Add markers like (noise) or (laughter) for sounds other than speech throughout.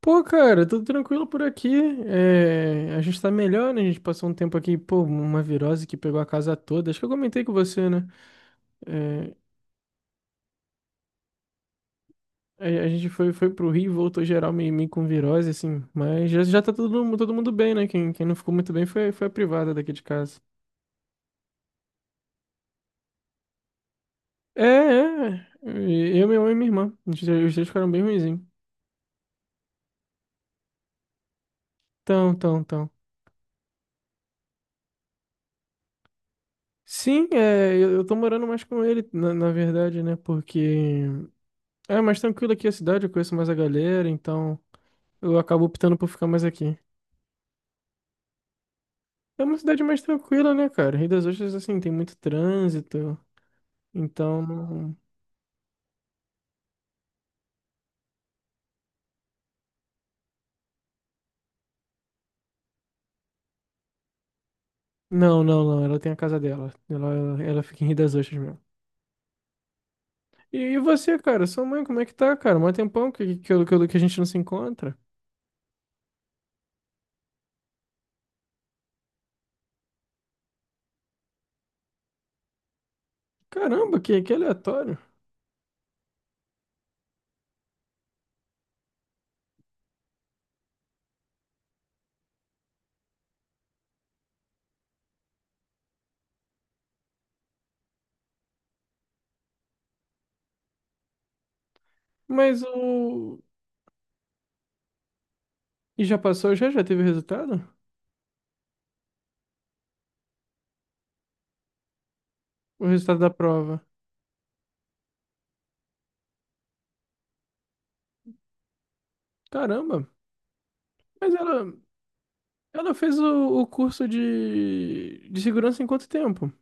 Pô, cara, tudo tranquilo por aqui. É, a gente tá melhor, né? A gente passou um tempo aqui, pô, uma virose que pegou a casa toda. Acho que eu comentei com você, né? É, a gente foi pro Rio e voltou geral meio com virose, assim. Mas já tá todo mundo bem, né? Quem não ficou muito bem foi a privada daqui de casa. É, é. E eu, meu mãe e minha irmã. Os dois ficaram bem ruinzinhos. Então, então, então. Sim, é, eu tô morando mais com ele, na verdade, né? Porque é mais tranquilo aqui é a cidade, eu conheço mais a galera, então eu acabo optando por ficar mais aqui. É uma cidade mais tranquila, né, cara? Rio das Ostras, assim, tem muito trânsito, então não. Não, não, não, ela tem a casa dela. Ela fica em Rio das Ostras mesmo. E você, cara? Sua mãe, como é que tá, cara? Mó tempão que a gente não se encontra. Caramba, que aleatório. Mas o... E já passou, já? Já teve o resultado? O resultado da prova. Caramba. Mas ela... Ela fez o curso de segurança em quanto tempo?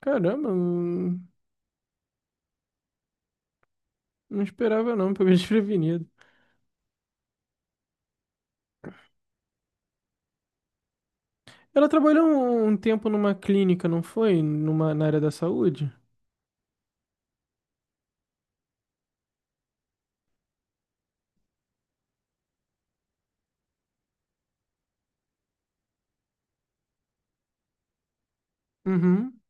Caramba, não, não esperava não, (laughs) pelo desprevenido. Ela trabalhou um tempo numa clínica, não foi? Numa, na área da saúde? Uhum.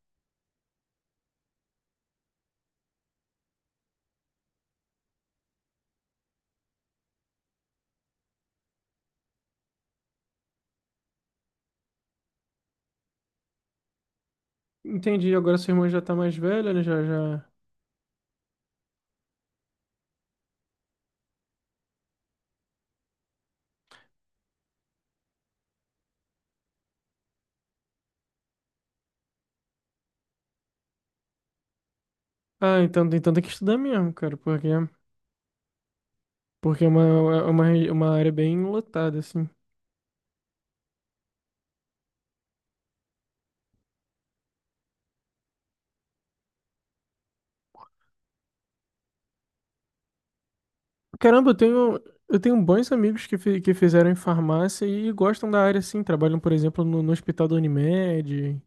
Entendi, agora sua irmã já tá mais velha, né? Já, já. Ah, então tem que estudar mesmo, cara, porque, porque é uma área bem lotada, assim. Caramba, eu tenho bons amigos que fizeram em farmácia e gostam da área, assim. Trabalham, por exemplo, no hospital da Unimed.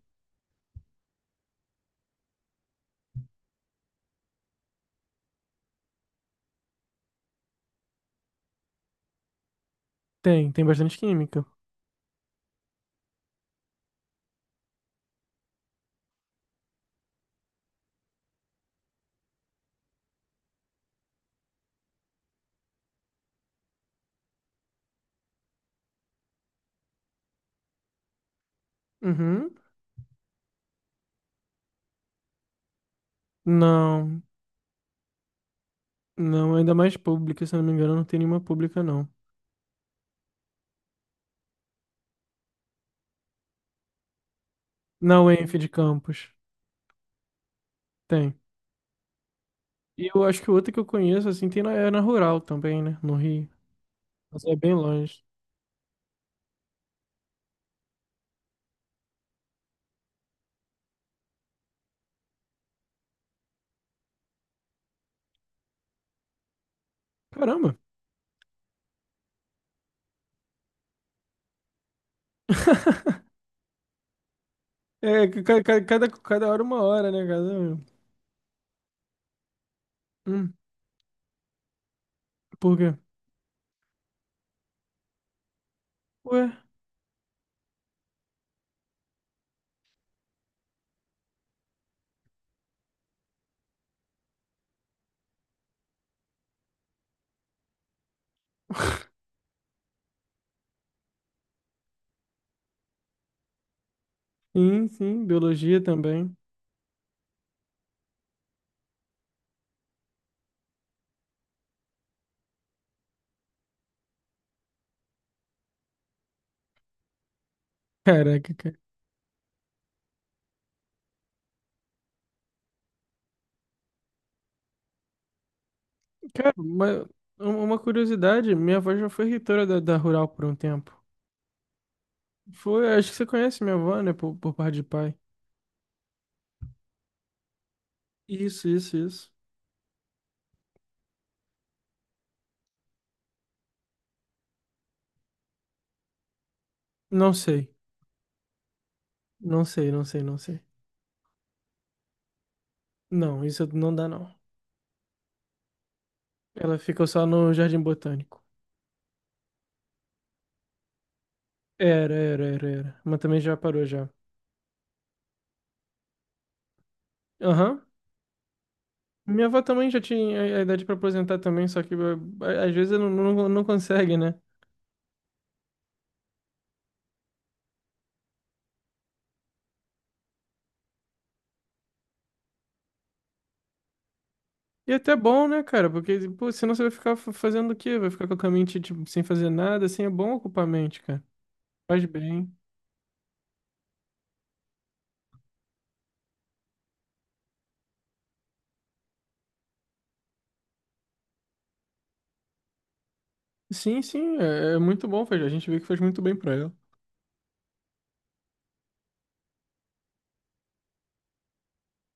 Tem, tem bastante química. Uhum. Não, não, ainda mais pública, se eu não me engano, não tem nenhuma pública, não. Na UENF de Campos, tem. E eu acho que outra que eu conheço, assim, é na Rural também, né? No Rio. Mas é bem longe. Caramba! (laughs) É, cada hora uma hora, né? Cada um. Hum, por quê? Ué? (laughs) Sim, sim, biologia também. Caraca, cara. Cara, uma curiosidade, minha avó já foi reitora da Rural por um tempo. Foi, acho que você conhece minha avó, né? Por parte de pai. Isso, isso, isso. Não sei. Não sei, não sei, não sei. Não, isso não dá, não. Ela ficou só no Jardim Botânico. Era, era, era, era. Mas também já parou já. Aham. Minha avó também já tinha a idade pra aposentar também, só que às vezes não, não, não consegue, né? E é até bom, né, cara? Porque, pô, senão você vai ficar fazendo o quê? Vai ficar com a mente, tipo, sem fazer nada, assim, é bom ocupar a mente, cara. Faz bem. Sim, sim, é muito bom, a gente vê que faz muito bem pra ela.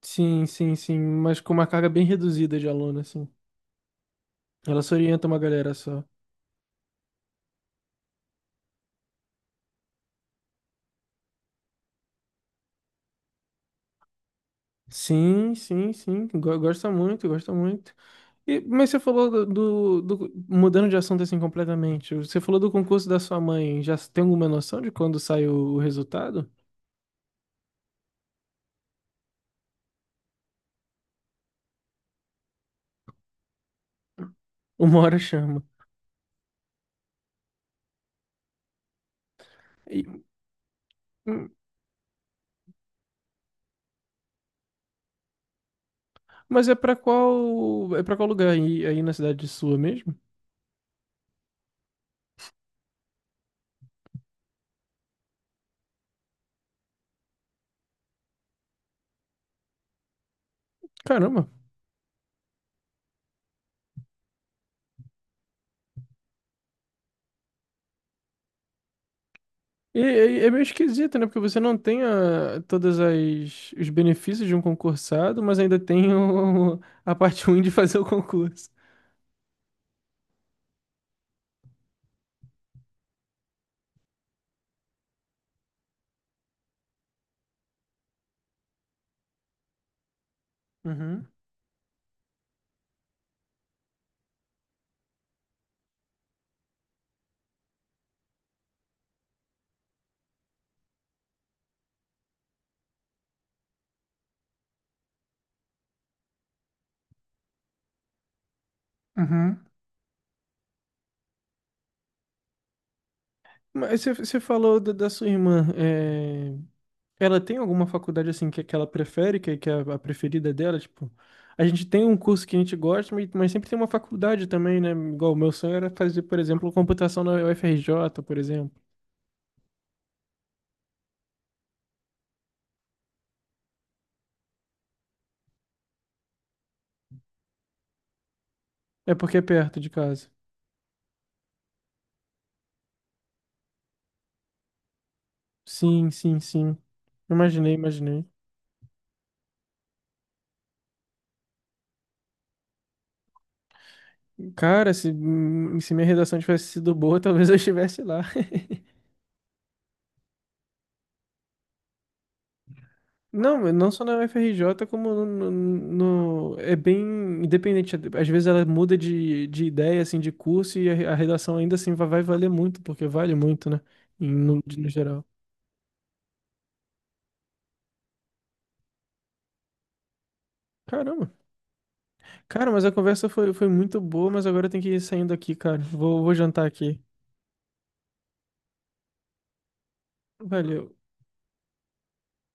Sim, sim, sim, mas com uma carga bem reduzida de aluno, assim. Ela só orienta uma galera só. Sim, sim, sim, gosta muito, gosta muito. E, mas você falou mudando de assunto assim completamente, você falou do concurso da sua mãe, já tem alguma noção de quando sai o resultado? (laughs) Uma hora chama. E- hum, mas é para qual lugar aí, aí na cidade sua mesmo? Caramba. É meio esquisito, né? Porque você não tem todas as os benefícios de um concursado, mas ainda tem (laughs) a parte ruim de fazer o concurso. Uhum. Uhum. Mas você falou da sua irmã. É, ela tem alguma faculdade assim que ela prefere, que é a preferida dela? Tipo, a gente tem um curso que a gente gosta, mas sempre tem uma faculdade também, né? Igual o meu sonho era fazer, por exemplo, computação na UFRJ, por exemplo. É porque é perto de casa. Sim, sim, sim. Imaginei, imaginei. Cara, se minha redação tivesse sido boa, (laughs) talvez eu estivesse lá. Não, mas não só na UFRJ, como no, no- no- é bem independente. Às vezes ela muda de ideia, assim, de curso, e a redação ainda assim vai valer muito, porque vale muito, né? No geral. Caramba. Cara, mas a conversa foi muito boa, mas agora eu tenho que ir saindo aqui, cara. Vou jantar aqui. Valeu.